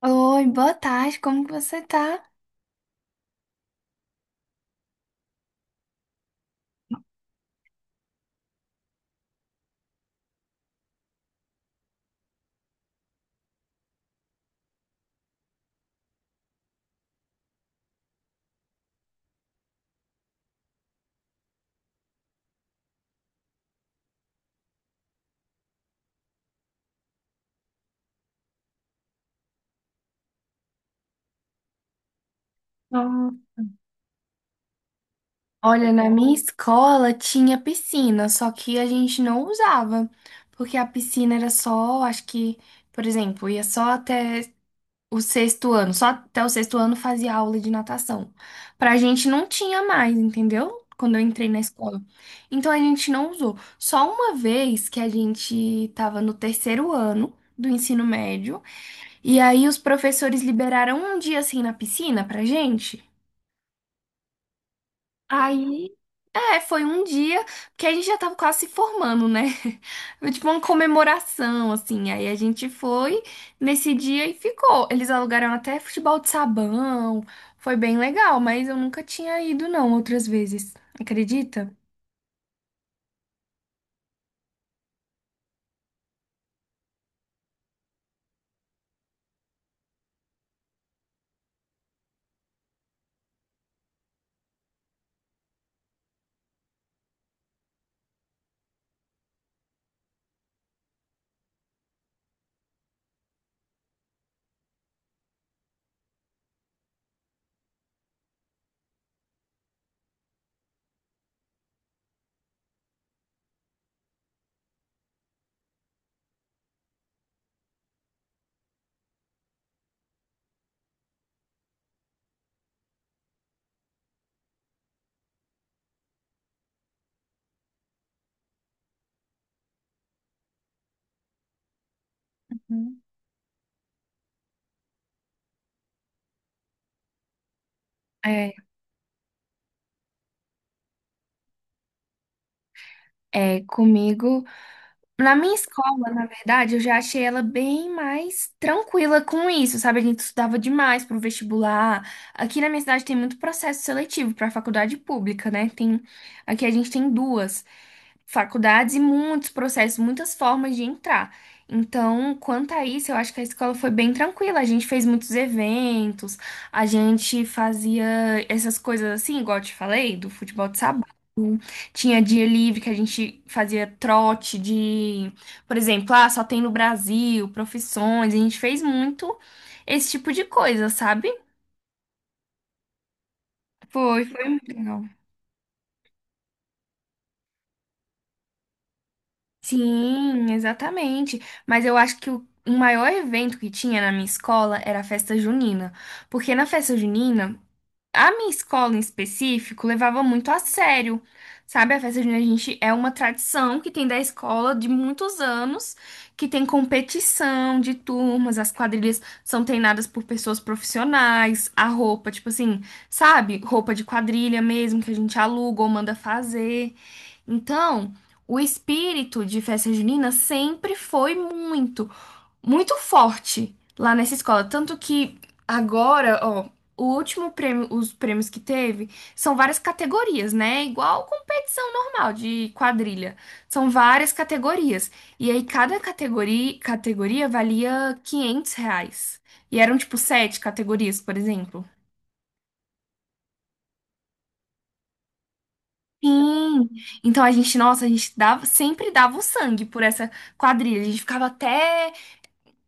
Oi, boa tarde, como que você tá? Ó, Olha, na minha escola tinha piscina, só que a gente não usava, porque a piscina era só, acho que, por exemplo, ia só até o sexto ano, só até o sexto ano fazia aula de natação. Pra gente não tinha mais, entendeu? Quando eu entrei na escola. Então a gente não usou. Só uma vez que a gente tava no terceiro ano do ensino médio, e aí os professores liberaram um dia assim na piscina pra gente. Aí, é, foi um dia, porque a gente já tava quase se formando, né? Foi tipo uma comemoração, assim. Aí a gente foi nesse dia e ficou. Eles alugaram até futebol de sabão. Foi bem legal, mas eu nunca tinha ido, não, outras vezes. Acredita? Uhum. É, é, comigo. Na minha escola, na verdade, eu já achei ela bem mais tranquila com isso, sabe? A gente estudava demais pro vestibular. Aqui na minha cidade tem muito processo seletivo para faculdade pública, né? Tem, aqui a gente tem duas faculdades e muitos processos, muitas formas de entrar. Então, quanto a isso, eu acho que a escola foi bem tranquila. A gente fez muitos eventos, a gente fazia essas coisas assim, igual eu te falei, do futebol de sabão. Tinha dia livre que a gente fazia trote de, por exemplo, ah, só tem no Brasil, profissões. A gente fez muito esse tipo de coisa, sabe? Foi, foi muito legal. Sim, exatamente. Mas eu acho que o maior evento que tinha na minha escola era a festa junina. Porque na festa junina a minha escola em específico levava muito a sério, sabe? A festa junina, a gente é uma tradição que tem da escola de muitos anos, que tem competição de turmas, as quadrilhas são treinadas por pessoas profissionais, a roupa, tipo assim, sabe? Roupa de quadrilha mesmo que a gente aluga ou manda fazer. Então, o espírito de festa junina sempre foi muito muito forte lá nessa escola. Tanto que agora, ó, o último prêmio, os prêmios que teve são várias categorias, né? Igual competição normal de quadrilha. São várias categorias. E aí cada categoria valia R$ 500. E eram tipo sete categorias, por exemplo. Sim, então a gente, nossa, a gente dava, sempre dava o sangue por essa quadrilha. A gente ficava até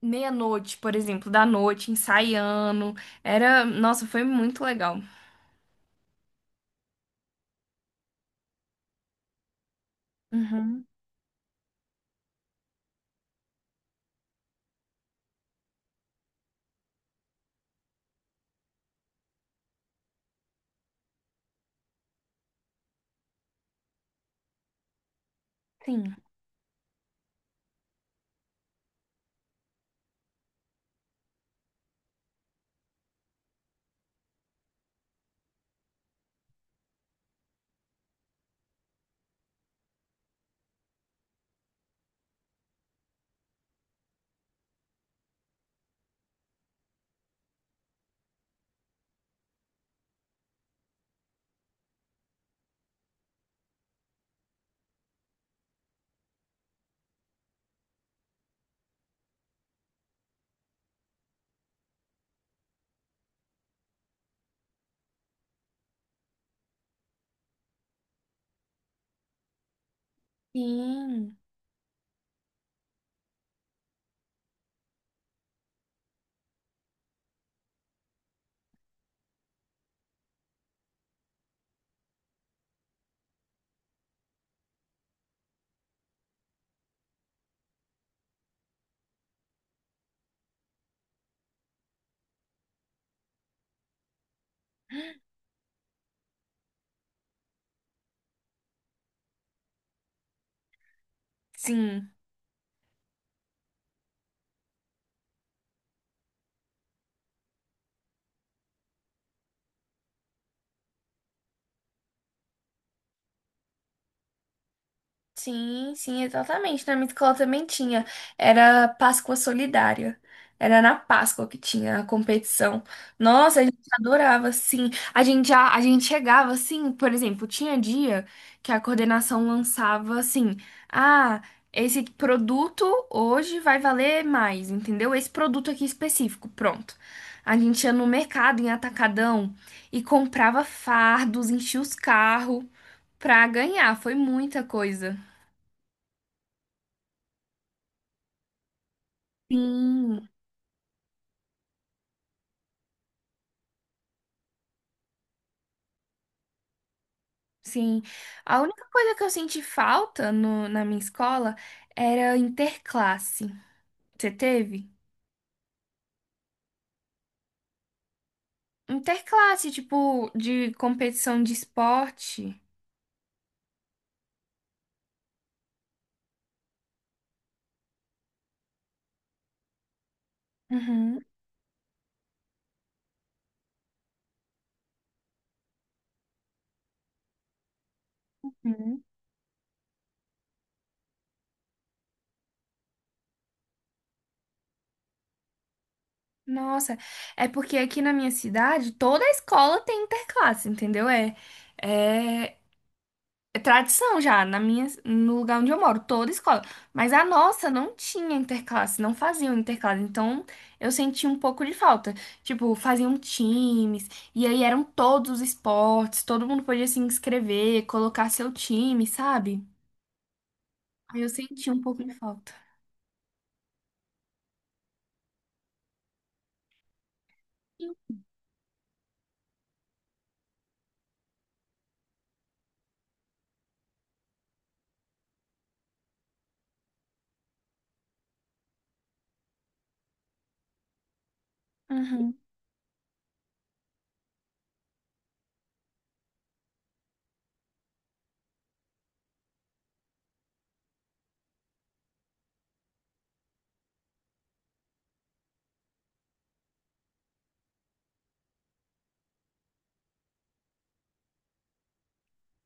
meia-noite, por exemplo, da noite, ensaiando. Era, nossa, foi muito legal. Uhum. Sim. Sim. Sim. Sim, sim, exatamente. Na minha escola também tinha. Era Páscoa Solidária. Era na Páscoa que tinha a competição. Nossa, a gente adorava, sim. A gente já, a gente chegava assim, por exemplo, tinha dia que a coordenação lançava assim: "Ah, esse produto hoje vai valer mais", entendeu? Esse produto aqui específico, pronto. A gente ia no mercado, em atacadão, e comprava fardos, enchia os carros pra ganhar. Foi muita coisa. Sim, sim. A única coisa que eu senti falta na minha escola era interclasse. Você teve? Interclasse, tipo, de competição de esporte. Uhum, uhum. Nossa, é porque aqui na minha cidade toda escola tem interclasse, entendeu? É, é, é tradição já, na minha, no lugar onde eu moro, toda escola. Mas a nossa não tinha interclasse, não faziam interclasse. Então eu senti um pouco de falta. Tipo, faziam times, e aí eram todos os esportes, todo mundo podia se inscrever, colocar seu time, sabe? Aí eu senti um pouco de falta. Uhum.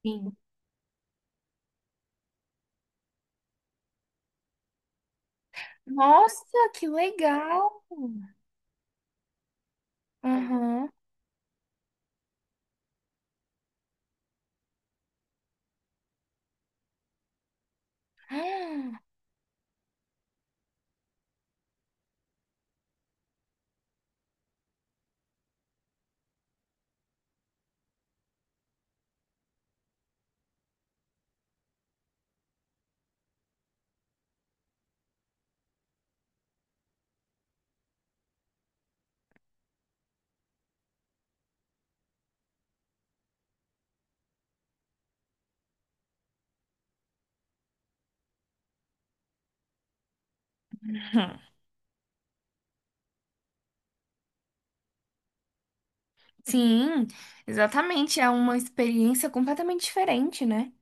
Sim. Nossa, que legal! Uhum. Hum. Sim, exatamente. É uma experiência completamente diferente, né?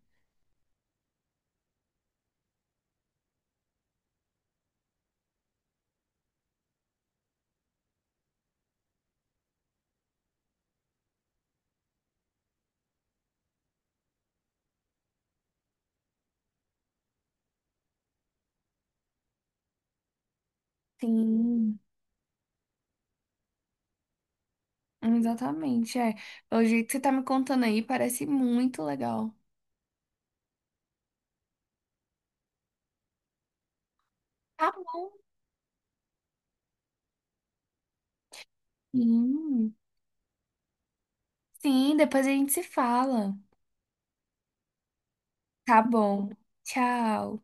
Sim. Exatamente, é. Pelo jeito que você tá me contando aí, parece muito legal. Tá bom. Sim. Sim, depois a gente se fala. Tá bom. Tchau.